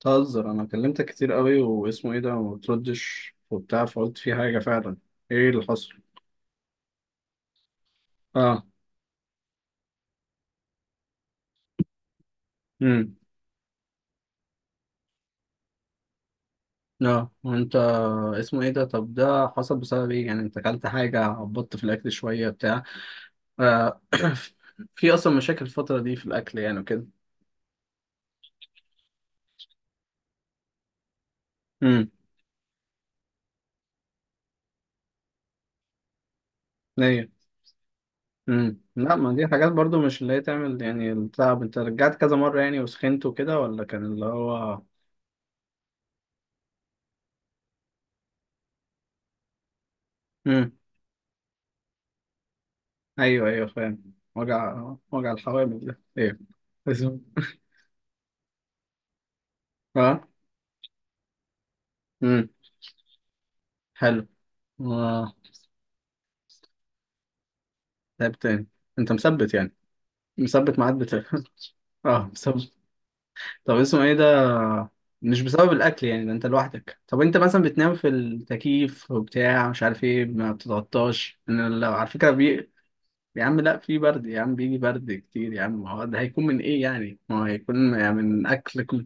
تهزر، انا كلمتك كتير قوي واسمه ايه ده وما بتردش وبتاع، فقلت في حاجه فعلا. ايه اللي حصل؟ اه. امم. اه، وانت اسمه ايه ده؟ طب ده حصل بسبب ايه يعني؟ انت اكلت حاجه؟ عبطت في الاكل شويه بتاع آه. في اصلا مشاكل الفتره دي في الاكل يعني وكده؟ امم ليه؟ امم. لا، ما دي حاجات برضو مش اللي هي تعمل يعني التعب. انت رجعت كذا مره يعني وسخنت وكده، ولا كان اللي هو؟ امم. ايوه ايوه، فاهم. وجع وجع الحوامل ده ايه؟ اسمه اه. امم. حلو. آه. لعب تاني. انت مثبت يعني؟ مثبت ميعاد بتاعك؟ اه، مثبت. طب اسمه ايه ده، مش بسبب الاكل يعني، ده انت لوحدك. طب انت مثلا بتنام في التكييف وبتاع مش عارف ايه، ما بتتغطاش؟ انا لو على فكره يا عم، لا، في برد يا عم، بيجي برد كتير يا عم، ما هو ده هيكون من ايه يعني، ما هو هيكون يعني من اكل كله.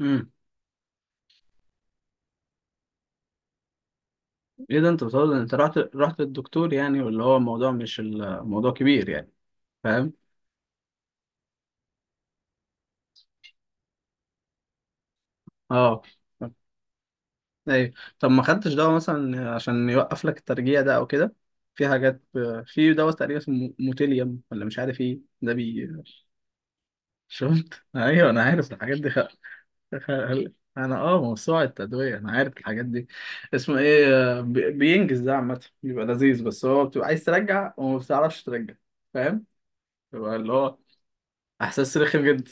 امم. ايه ده، انت بتقول انت رحت للدكتور يعني، ولا هو الموضوع مش الموضوع كبير يعني؟ فاهم. اه. ايوه. طب ما خدتش دواء مثلا عشان يوقف لك الترجيع ده او كده؟ في حاجات، في دواء تقريبا اسمه موتيليوم ولا مش عارف ايه ده بي. شفت، ايوه، انا عارف الحاجات دي خ... انا اه، موسوعة التدوية، انا عارف الحاجات دي. اسمه ايه؟ آه، بينجز ده عامة بيبقى لذيذ، بس هو بتبقى عايز ترجع وما بتعرفش ترجع، فاهم، بيبقى اللي هو احساس رخم جدا.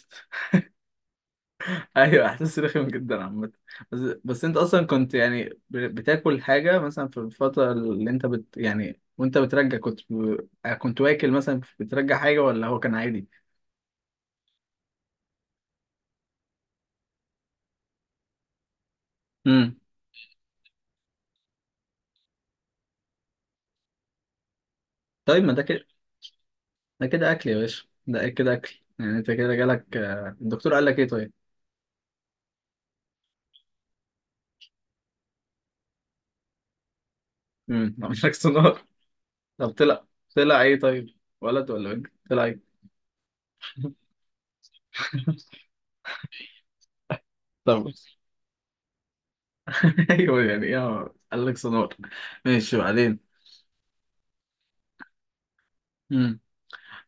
ايوه، احساس رخم جدا عامه. بس. بس انت اصلا كنت يعني بتاكل حاجه مثلا في الفتره اللي انت بت يعني، وانت بترجع كنت ب... آه، كنت واكل مثلا بترجع حاجه، ولا هو كان عادي؟ امم. طيب، ما ده كده، ده كده اكل يا باشا، ده كده اكل يعني. انت كده جالك آه، الدكتور قال لك ايه طيب؟ امم. عمل لك سونار؟ طب طلع؟ طلع ايه طيب؟ ولد ولا بنت طلع ايه؟ طب ايوه يعني، ايه قال لك سونار؟ ماشي، وبعدين؟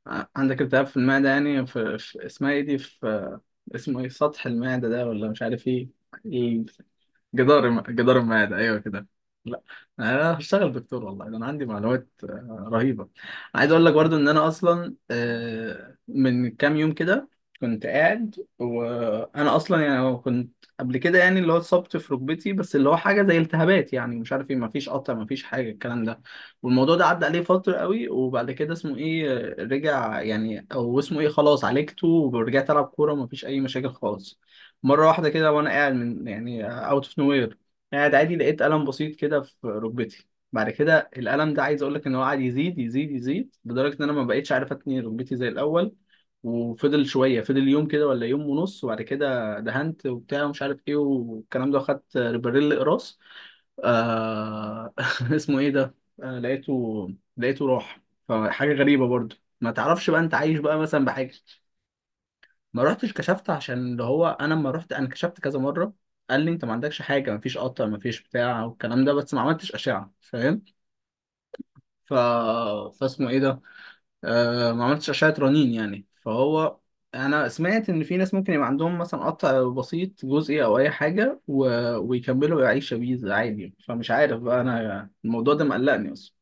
عندك التهاب في المعدة يعني؟ في، في اسمها ايه دي، في اسمه ايه سطح المعدة ده، ولا مش عارف ايه ايه؟ جدار جدار المعادة، أيوه كده. لا، أنا هشتغل دكتور والله، ده أنا عندي معلومات آه، رهيبة. عايز أقول لك برضه إن أنا أصلا آه، من كام يوم كده كنت قاعد، وأنا أصلا يعني كنت قبل كده يعني اللي هو اتصبت في ركبتي، بس اللي هو حاجة زي التهابات يعني مش عارف إيه، مفيش قطع، مفيش حاجة الكلام ده. والموضوع ده عدى عليه فترة قوي، وبعد كده اسمه إيه، آه، رجع يعني. أو اسمه إيه، خلاص، عالجته ورجعت ألعب كورة ومفيش أي مشاكل خالص. مرة واحدة كده وأنا قاعد، من يعني أوت أوف نو وير، قاعد عادي، لقيت قلم بسيط كده في ركبتي. بعد كده القلم ده عايز أقول لك إن هو قعد يزيد يزيد يزيد لدرجة إن أنا ما بقيتش عارف أتني ركبتي زي الأول. وفضل شوية، فضل يوم كده ولا يوم ونص، وبعد كده دهنت وبتاع ومش عارف إيه والكلام ده، وخدت ريبريل قراص. آه... اسمه إيه ده؟ آه... لقيته. لقيته راح. فحاجة غريبة برضه، ما تعرفش بقى أنت عايش بقى مثلا بحاجة. ما رحتش كشفت عشان اللي هو انا لما رحت انا كشفت كذا مره، قال لي انت ما عندكش حاجه، ما فيش قطع، ما فيش بتاع والكلام ده، بس ما عملتش اشعه، فاهم. ف. فاسمه ايه ده، آه، ما عملتش اشعه رنين يعني، فهو. انا سمعت ان في ناس ممكن يبقى عندهم مثلا قطع بسيط جزئي او اي حاجه و... ويكملوا يعيشوا بيه عادي يعني. فمش عارف بقى، انا الموضوع ده مقلقني اصلا.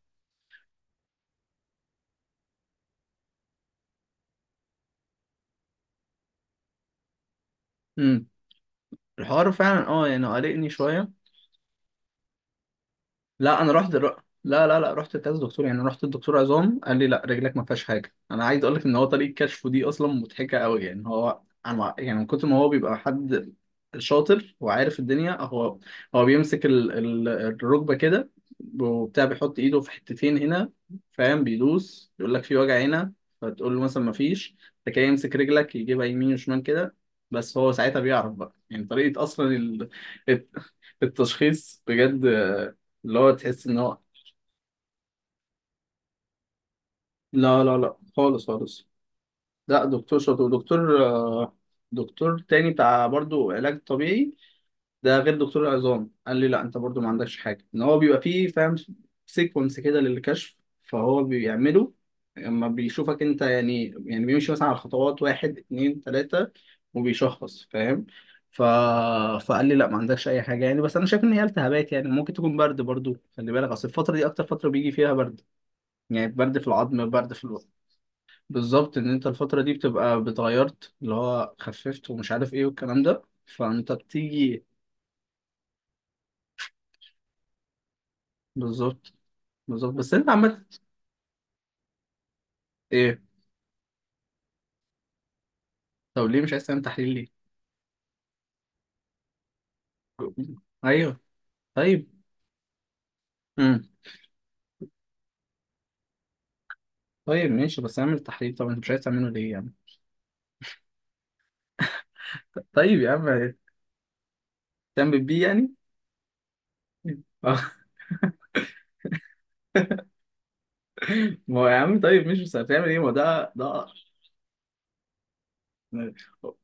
امم. الحوار فعلا اه يعني قلقني شويه. لا، انا رحت الر- لا لا لا، رحت كذا دكتور يعني. رحت الدكتور عظام قال لي لا، رجلك ما فيهاش حاجه. انا عايز اقول لك ان هو طريقه كشفه دي اصلا مضحكه قوي يعني، هو انا يعني من كتر ما هو بيبقى حد شاطر وعارف الدنيا، هو، هو بيمسك الركبه كده وبتاع، بيحط ايده في حتتين هنا، فاهم، بيدوس يقول لك في وجع هنا، فتقول له مثلا ما فيش. تكاي يمسك رجلك يجيبها يمين وشمال كده. بس هو ساعتها بيعرف بقى يعني. طريقه اصلا الت- التشخيص بجد، اللي هو تحس ان هو. لا لا لا، خالص خالص. لا، دكتور شاطر ودكتور آه، دكتور تاني بتاع برضو علاج طبيعي، ده غير دكتور العظام قال لي لا انت برضو ما عندكش حاجه. ان هو بيبقى فيه، فاهم، سيكونس كده للكشف، فهو بيعمله لما بيشوفك انت يعني. يعني بيمشي مثلا على خطوات، واحد اتنين تلاته، وبيشخص، فاهم. ف... فقال لي لا ما عندكش اي حاجه يعني، بس انا شايف ان هي التهابات يعني، ممكن تكون برد برضو. خلي بالك، اصل الفتره دي اكتر فتره بيجي فيها برد يعني. برد في العظم، برد في الوقت. بالظبط، ان انت الفترة دي بتبقى بتغيرت اللي هو خففت ومش عارف ايه والكلام ده، فانت بتيجي. بالظبط، بالظبط، بس انت عمال ايه؟ طب ليه مش عايز تعمل تحليل ليه؟ ايوه. طيب. امم. طيب ماشي، بس اعمل تحليل. طب انت مش عايز تعمله ليه يعني؟ طيب يا عم. تعمل بيه يعني؟ آه، ما هو يا عم طيب مش بس هتعمل ايه ما ده ده.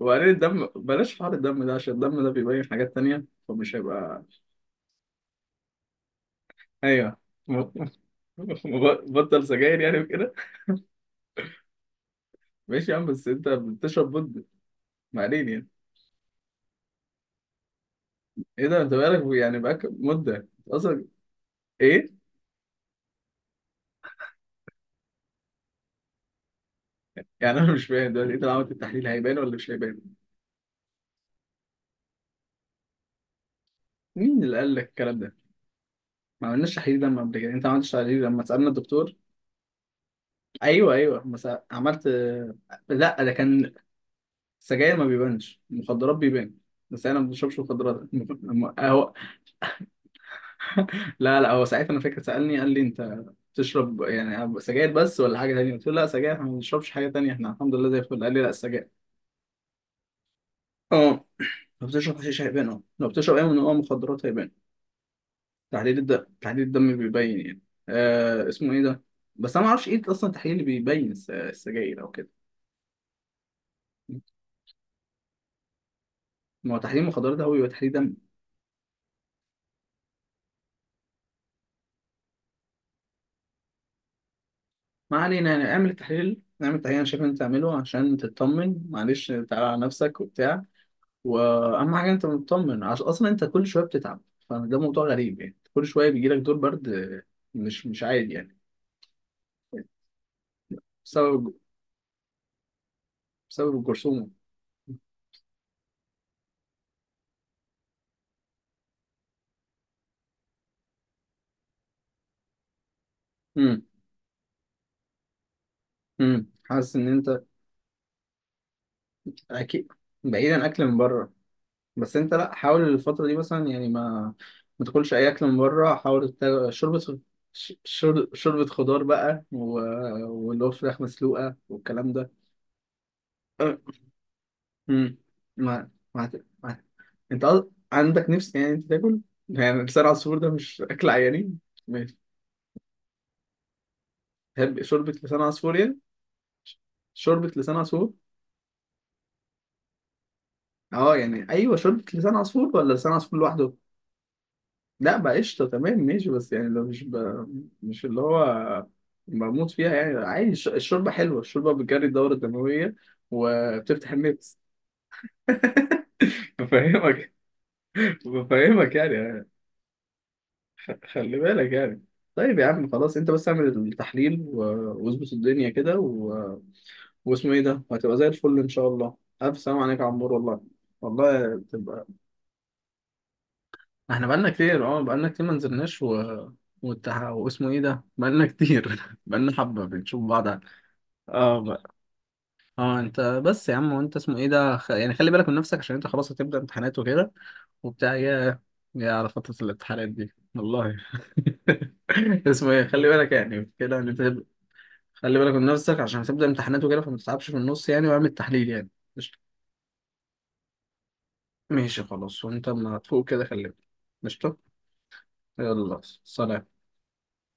وبعدين الدم بلاش حوار الدم ده، عشان الدم ده بيبين حاجات تانية، فمش هيبقى. ايوه. بطل سجاير يعني وكده؟ ماشي يا عم، بس انت بتشرب مدة، ما علينا يعني. ايه ده، انت بقالك يعني بقالك مدة اصلا؟ ايه؟ يعني انا مش فاهم دلوقتي، انت لو عملت التحليل هيبان ولا مش هيبان؟ مين اللي قال لك الكلام ده؟ ما عملناش تحليل دم قبل كده، انت ما عملتش تحليل لما سألنا الدكتور. ايوه ايوه، ما سأ- عملت. لا، ده كان السجاير ما بيبانش، المخدرات بيبان. بس انا ما بشربش مخدرات. الم- لا لا، هو ساعتها انا فاكر سالني قال لي انت بتشرب يعني سجاير بس ولا حاجه تانية؟ قلت له لا، سجاير، احنا ما بنشربش حاجه تانية، احنا الحمد لله زي الفل. قال لي لا، السجاير اه، لو بتشرب حشيش هيبان، اه لو بتشرب اي نوع مخدرات هيبان. تحليل الدم، تحليل الدم بيبين يعني. آه اسمه ايه ده، بس انا ما اعرفش ايه اصلا التحليل اللي بيبين السجاير او كده. ما هو تحليل مخدرات ده هو بيبقى تحليل دم. ما علينا يعني، اعمل التحليل، نعمل التحليل. انا شايف ان انت تعمله عشان تطمن، معلش تعالى على نفسك وبتاع. واهم حاجه انت مطمن، عشان اصلا انت كل شويه بتتعب، فده موضوع غريب يعني، كل شويه بيجي لك دور برد آه، مش مش عادي يعني. بسبب، بسبب الجرثومه. امم. امم، حاسس ان انت اكيد. بعيدا اكل من بره. بس انت لا، حاول الفتره دي مثلا يعني ما، ما تاكلش اي اكل من بره، حاول شوربه شوربه خضار بقى واللي هو فراخ مسلوقه والكلام ده. امم. ما ما هت- ما انت قصد- عندك نفس يعني انت تاكل يعني لسان عصفور ده؟ مش اكل عيانين. ماشي. تحب شوربة لسان عصفور يعني؟ شوربة لسان عصفور. اه يعني، ايوه، شوربة لسان عصفور ولا لسان عصفور لوحده؟ لا بقى، قشطة، تمام. ماشي، بس يعني لو مش مش اللي هو بموت فيها يعني، عادي. الشوربة حلوة، الشوربة بتجري الدورة الدموية وبتفتح النفس. بفهمك. بفهمك يعني. خلي بالك يعني. طيب يا عم، خلاص، انت بس اعمل التحليل واظبط الدنيا كده و... واسمه ايه ده، وهتبقى زي الفل ان شاء الله. الف سلام عليك يا عمور والله. والله تبقى. احنا بقالنا كتير، اه بقالنا كتير، ما نزلناش و... واسمه ايه ده، بقالنا كتير بقالنا حبة بنشوف بعض. اه بقى. اه، انت بس يا عم، وانت اسمه ايه ده يعني خلي بالك من نفسك، عشان انت خلاص هتبدأ امتحانات وكده وبتاع، يا يا على فترة الامتحانات دي والله. اسمه ايه، خلي بالك يعني كده ان انت تبدأ- خلي بالك من نفسك عشان هتبدأ امتحانات وكده، فما تتعبش في النص يعني، واعمل تحليل يعني. ماشي خلاص، وانت اما تفوق كده كلمني. قشطة. يلا سلام.